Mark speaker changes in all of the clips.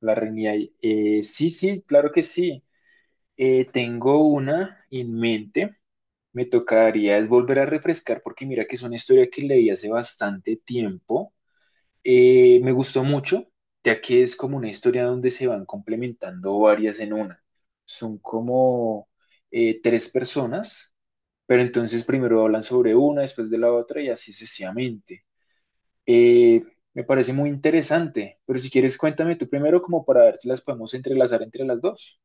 Speaker 1: La reunión ahí. Sí, sí, claro que sí. Tengo una en mente. Me tocaría es volver a refrescar porque mira que es una historia que leí hace bastante tiempo. Me gustó mucho, ya que es como una historia donde se van complementando varias en una. Son como tres personas, pero entonces primero hablan sobre una, después de la otra y así sucesivamente. Eh, Me parece muy interesante, pero si quieres cuéntame tú primero como para ver si las podemos entrelazar entre las dos.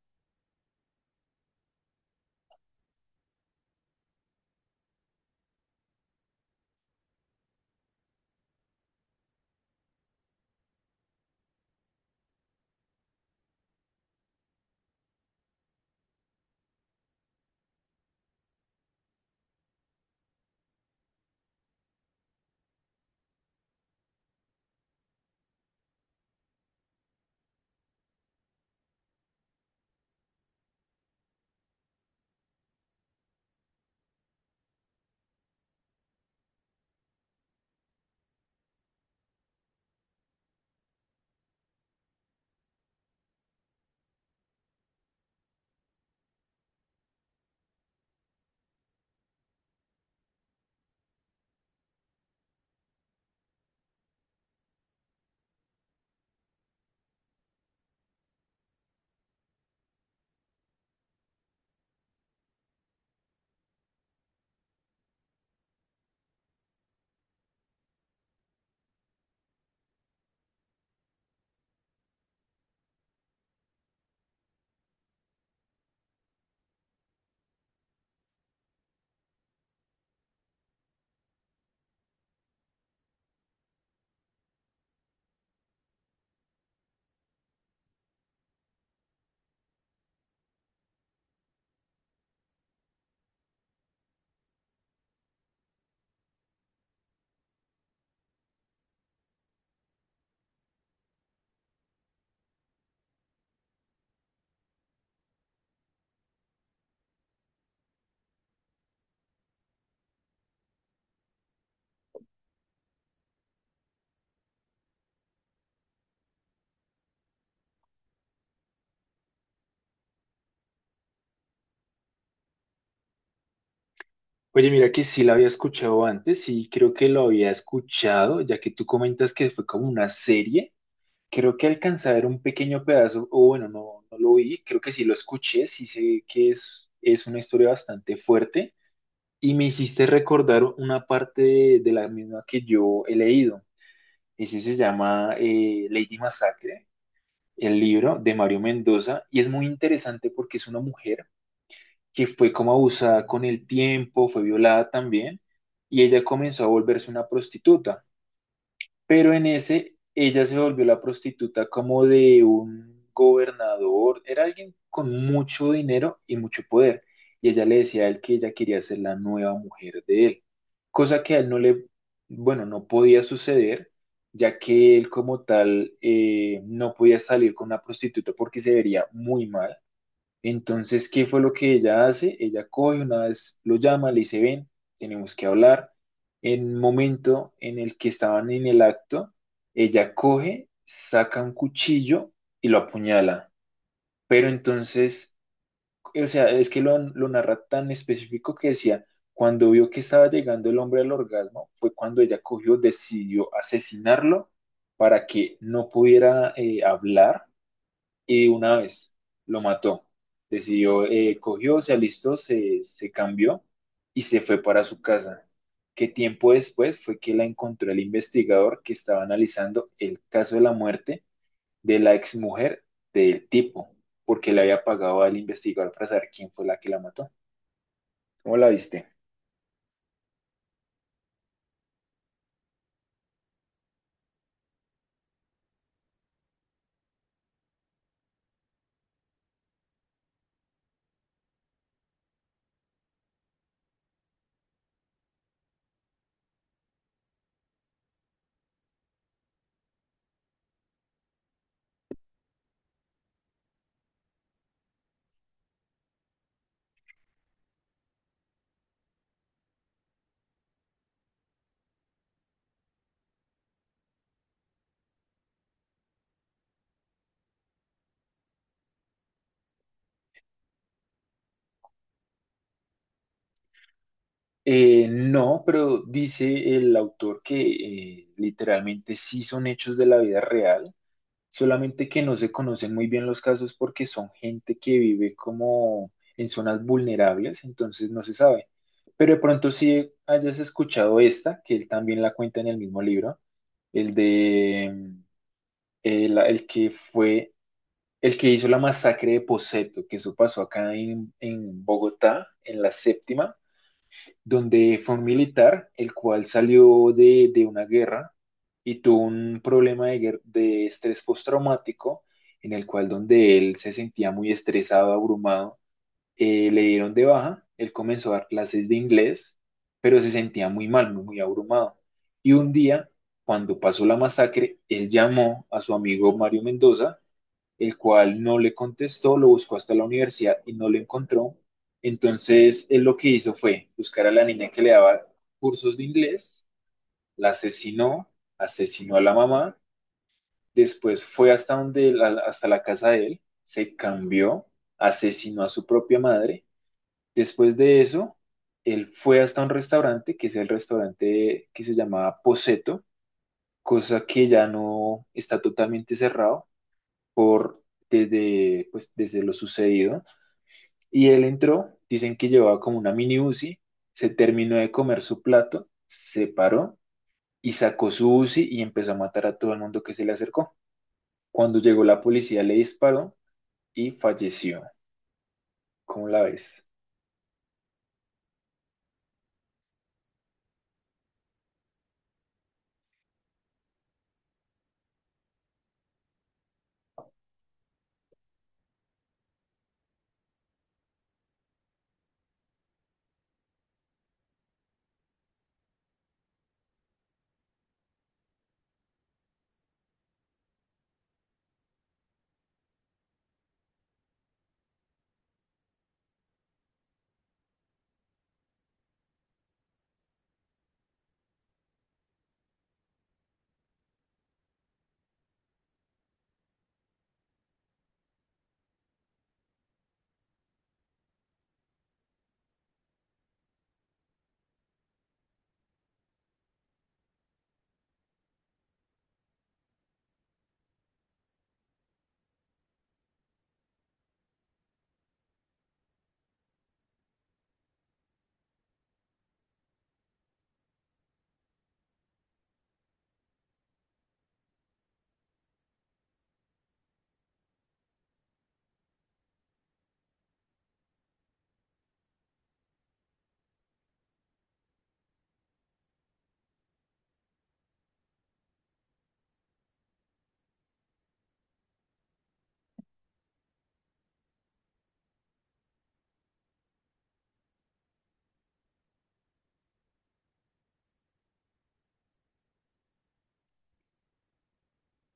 Speaker 1: Oye, mira que sí la había escuchado antes, sí creo que lo había escuchado, ya que tú comentas que fue como una serie. Creo que alcanzé a ver un pequeño pedazo, o bueno, no, no lo vi, creo que sí lo escuché, sí sé que es una historia bastante fuerte y me hiciste recordar una parte de la misma que yo he leído. Ese se llama Lady Massacre, el libro de Mario Mendoza, y es muy interesante porque es una mujer que fue como abusada con el tiempo, fue violada también y ella comenzó a volverse una prostituta, pero en ese ella se volvió la prostituta como de un gobernador, era alguien con mucho dinero y mucho poder, y ella le decía a él que ella quería ser la nueva mujer de él, cosa que a él no le, bueno, no podía suceder, ya que él como tal no podía salir con una prostituta porque se vería muy mal. Entonces, ¿qué fue lo que ella hace? Ella coge una vez, lo llama, le dice, ven, tenemos que hablar. En un momento en el que estaban en el acto, ella coge, saca un cuchillo y lo apuñala. Pero entonces, o sea, es que lo narra tan específico que decía, cuando vio que estaba llegando el hombre al orgasmo, fue cuando ella cogió, decidió asesinarlo para que no pudiera hablar, y de una vez lo mató. Decidió, cogió, se alistó, se cambió y se fue para su casa. Que tiempo después fue que la encontró el investigador que estaba analizando el caso de la muerte de la exmujer del tipo, porque le había pagado al investigador para saber quién fue la que la mató. ¿Cómo la viste? No, pero dice el autor que literalmente sí son hechos de la vida real. Solamente que no se conocen muy bien los casos porque son gente que vive como en zonas vulnerables, entonces no se sabe. Pero de pronto sí hayas escuchado esta, que él también la cuenta en el mismo libro, el de el que fue el que hizo la masacre de Poseto, que eso pasó acá en Bogotá, en la séptima, donde fue un militar, el cual salió de una guerra y tuvo un problema de estrés postraumático, en el cual donde él se sentía muy estresado, abrumado. Le dieron de baja, él comenzó a dar clases de inglés, pero se sentía muy mal, muy, muy abrumado. Y un día, cuando pasó la masacre, él llamó a su amigo Mario Mendoza, el cual no le contestó, lo buscó hasta la universidad y no lo encontró. Entonces, él lo que hizo fue buscar a la niña que le daba cursos de inglés, la asesinó, asesinó a la mamá, después fue hasta la casa de él, se cambió, asesinó a su propia madre. Después de eso, él fue hasta un restaurante, que es el restaurante que se llamaba Poseto, cosa que ya no está, totalmente cerrado por desde, pues, desde lo sucedido. Y él entró, dicen que llevaba como una mini uzi, se terminó de comer su plato, se paró y sacó su uzi y empezó a matar a todo el mundo que se le acercó. Cuando llegó la policía le disparó y falleció. ¿Cómo la ves?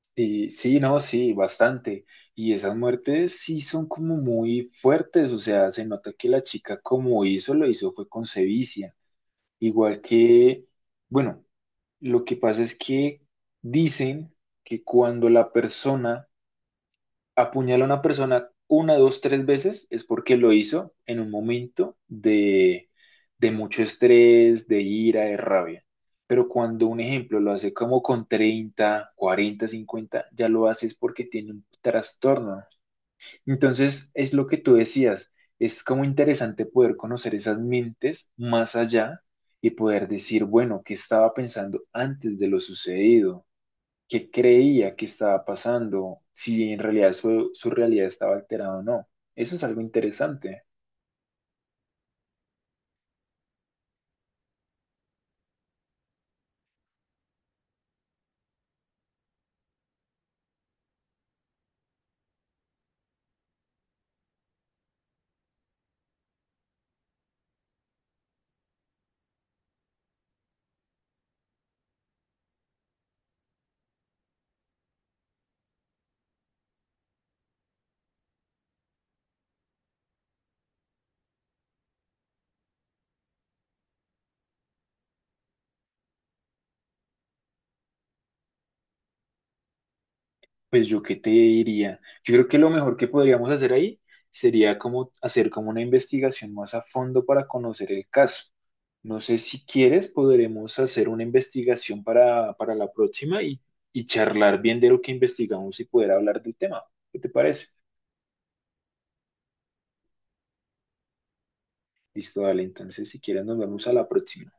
Speaker 1: Sí, sí, no, sí, bastante. Y esas muertes sí son como muy fuertes, o sea, se nota que la chica como hizo, lo hizo fue con sevicia. Igual que, bueno, lo que pasa es que dicen que cuando la persona apuñala a una persona una, dos, tres veces es porque lo hizo en un momento de mucho estrés, de ira, de rabia. Pero cuando un ejemplo lo hace como con 30, 40, 50, ya lo hace es porque tiene un trastorno. Entonces, es lo que tú decías, es como interesante poder conocer esas mentes más allá y poder decir, bueno, ¿qué estaba pensando antes de lo sucedido?, qué creía que estaba pasando, si en realidad su realidad estaba alterada o no. Eso es algo interesante. Pues yo qué te diría. Yo creo que lo mejor que podríamos hacer ahí sería como hacer como una investigación más a fondo para conocer el caso. No sé si quieres, podremos hacer una investigación para la próxima y charlar bien de lo que investigamos y poder hablar del tema. ¿Qué te parece? Listo, dale. Entonces, si quieres, nos vemos a la próxima.